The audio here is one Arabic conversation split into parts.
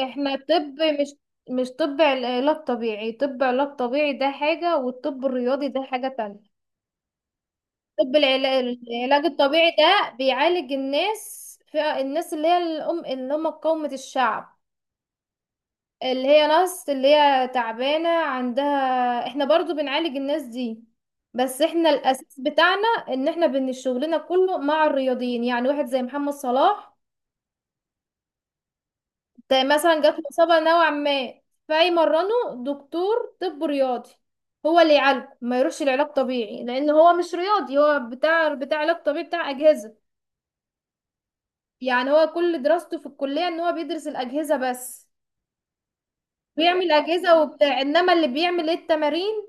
احنا طب مش مش طب علاج طبيعي. طب علاج طبيعي ده حاجة والطب الرياضي ده حاجة تانية. طب العلاج الطبيعي ده بيعالج الناس، في الناس اللي هي الأم اللي هم قومة الشعب، اللي هي ناس اللي هي تعبانة عندها. احنا برضو بنعالج الناس دي، بس احنا الأساس بتاعنا ان احنا شغلنا كله مع الرياضيين، يعني واحد زي محمد صلاح ده مثلا جات له إصابة نوعا ما، فيمرنه دكتور طب رياضي، هو اللي يعالجه، ما يروحش لعلاج طبيعي لأن هو مش رياضي، هو بتاع علاج طبيعي، بتاع أجهزة. يعني هو كل دراسته في الكلية إن هو بيدرس الأجهزة بس، بيعمل أجهزة وبتاع، إنما اللي بيعمل إيه التمارين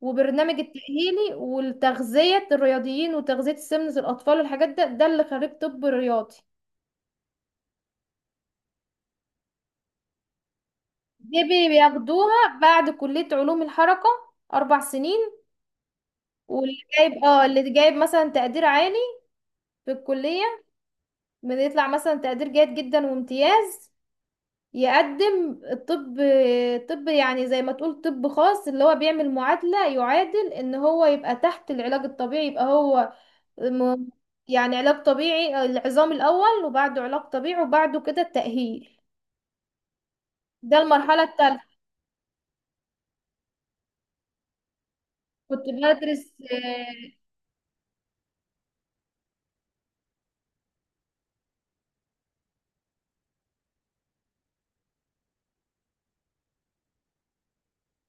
وبرنامج التأهيلي والتغذية الرياضيين وتغذية سمنة الأطفال والحاجات ده اللي خريج طب رياضي. دي بياخدوها بعد كلية علوم الحركة، 4 سنين. واللي جايب اللي جايب مثلا تقدير عالي في الكلية، بيطلع مثلا تقدير جيد جدا وامتياز، يقدم الطب. طب يعني زي ما تقول طب خاص، اللي هو بيعمل معادلة، يعادل ان هو يبقى تحت العلاج الطبيعي، يبقى هو م- يعني علاج طبيعي، العظام الاول وبعده علاج طبيعي وبعده كده التأهيل، ده المرحلة التالتة. كنت بدرس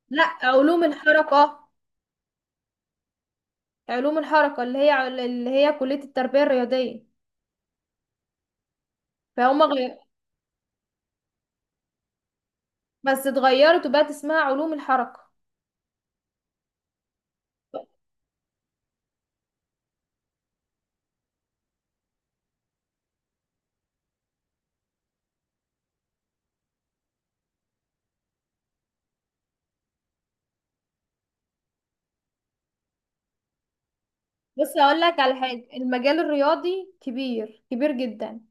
لا، علوم الحركة. علوم الحركة اللي هي كلية التربية الرياضية، فهم غيروا، بس اتغيرت وبقت اسمها علوم الحركة. بص هقول لك على حاجة، المجال الرياضي كبير جدا.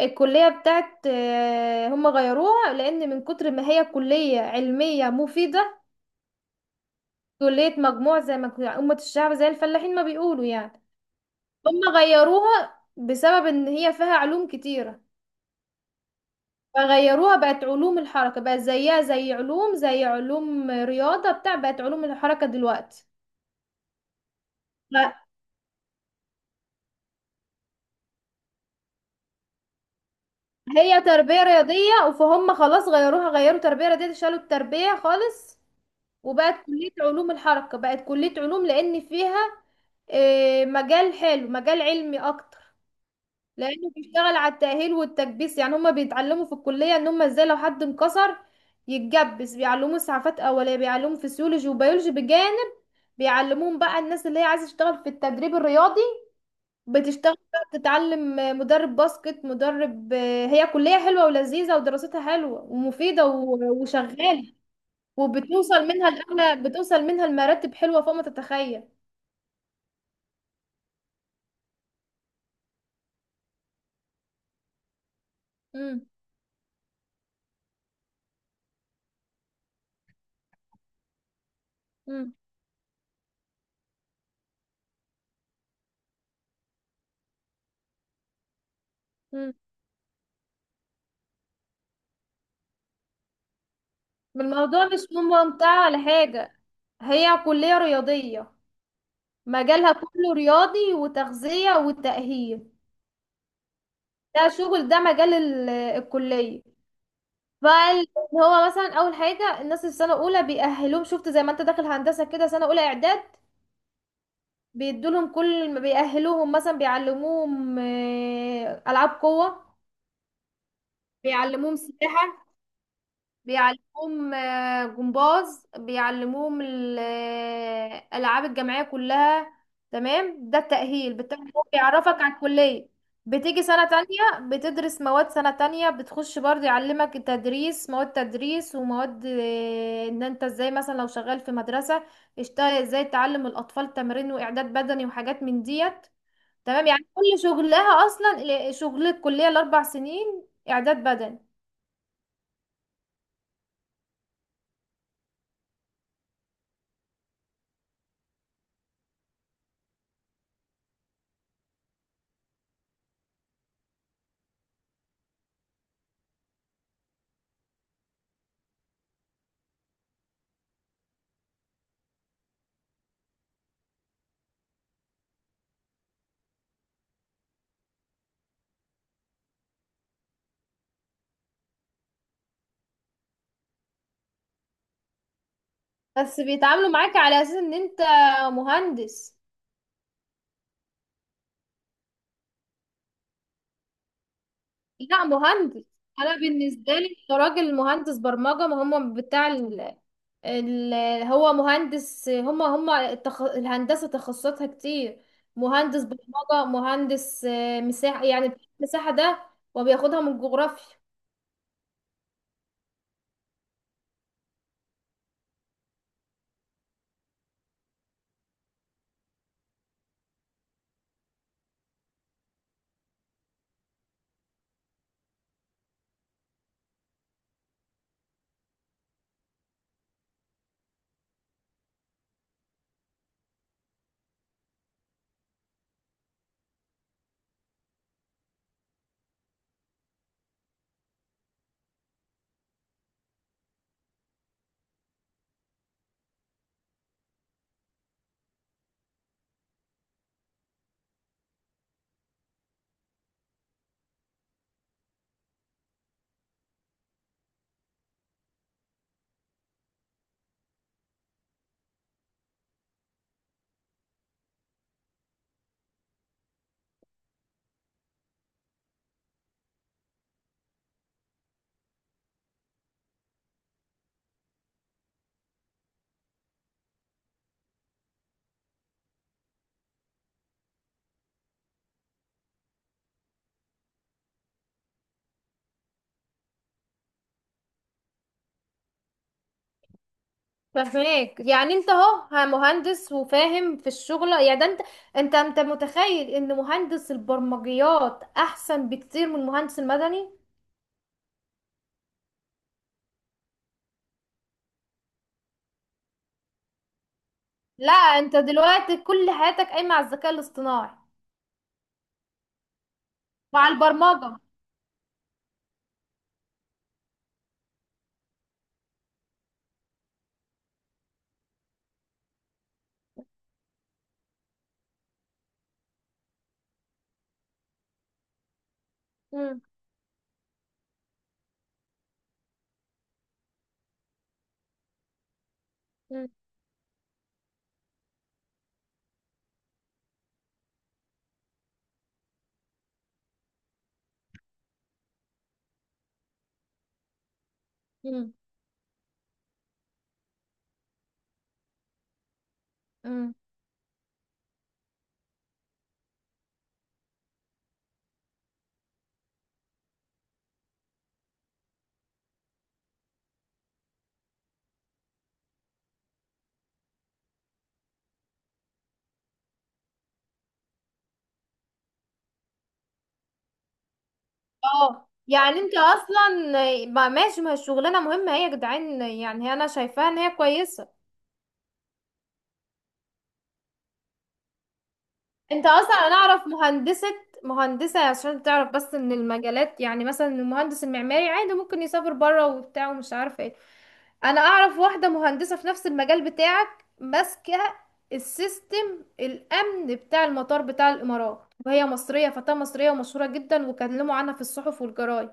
الكلية بتاعت هم غيروها لأن من كتر ما هي كلية علمية مفيدة، كلية مجموع، زي ما كنا- أمة الشعب زي الفلاحين ما بيقولوا يعني، هم غيروها بسبب إن هي فيها علوم كتيرة، فغيروها بقت علوم الحركة، بقت زيها زي علوم، زي علوم رياضة بتاع، بقت علوم الحركة دلوقتي. هي تربية رياضية، فهم خلاص غيروها، غيروا تربية رياضية، شالوا التربية خالص وبقت كلية علوم الحركة، بقت كلية علوم لأن فيها مجال حلو، مجال علمي أكتر، لأنه بيشتغل على التأهيل والتكبيس. يعني هما بيتعلموا في الكلية إن هما إزاي لو حد انكسر يتجبس، بيعلموه إسعافات أولية، بيعلموه فسيولوجي وبيولوجي بجانب، بيعلموهم بقى الناس اللي هي عايزة تشتغل في التدريب الرياضي بتشتغل بقى، بتتعلم مدرب باسكت، مدرب. هي كلية حلوة ولذيذة ودراستها حلوة ومفيدة وشغالة، وبتوصل منها لأعلى، بتوصل منها لمراتب حلوة فوق ما تتخيل. مم. مم. مم. الموضوع مش ممتع ولا حاجة، هي كلية رياضية، مجالها كله رياضي وتغذية وتأهيل، ده شغل، ده مجال الكلية. فال- هو مثلا أول حاجة الناس السنة الأولى بيأهلوهم، شفت زي ما أنت داخل هندسة كده سنة أولى إعداد، بيدولهم كل ما بيأهلوهم مثلا بيعلموهم ألعاب قوة، بيعلموهم سباحة، بيعلموهم جمباز، بيعلموهم الألعاب الجماعية كلها. تمام، ده التأهيل، بالتأهيل هو بيعرفك على الكلية. بتيجي سنة تانية بتدرس مواد سنة تانية، بتخش برضه يعلمك التدريس، مواد تدريس ومواد ان انت ازاي مثلا لو شغال في مدرسة اشتغل ازاي، تعلم الأطفال تمرين وإعداد بدني وحاجات من ديت. تمام، يعني كل شغلها، اصلا شغل الكليه ال4 سنين اعداد بدني. بس بيتعاملوا معاك على اساس ان انت مهندس. لا، مهندس. انا بالنسبه لي إنت راجل مهندس برمجه، ما هم بتاع ال... هو مهندس، الهندسه تخصصاتها كتير، مهندس برمجه، مهندس مساحه يعني، مساحه ده وبياخدها من الجغرافيا. فهماك، يعني انت اهو مهندس وفاهم في الشغل يعني، ده انت، انت متخيل ان مهندس البرمجيات احسن بكتير من المهندس المدني. لا، انت دلوقتي كل حياتك قايمه على الذكاء الاصطناعي وعلى البرمجه. مم. مم. مم. مم. اه، يعني انت اصلا ماشي، ما هي الشغلانه مهمه، هي يا جدعان يعني، هي انا شايفاها ان هي كويسه. انت اصلا انا اعرف مهندسة، مهندسة عشان تعرف بس ان المجالات، يعني مثلا المهندس المعماري عادي ممكن يسافر بره وبتاع ومش عارفة ايه. انا اعرف واحدة مهندسة في نفس المجال بتاعك، ماسكة السيستم الامن بتاع المطار بتاع الامارات، وهي مصرية، فتاة مصرية ومشهورة جدا وكلموا عنها في الصحف والجرايد.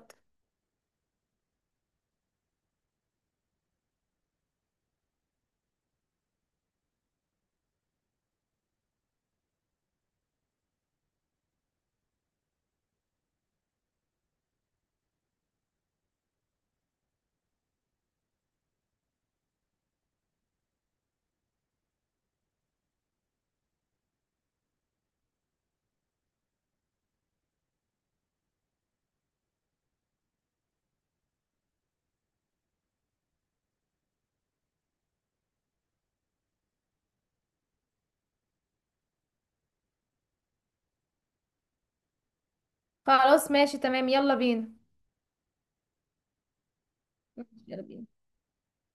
خلاص، ماشي تمام، يلا بينا. يلا بينا.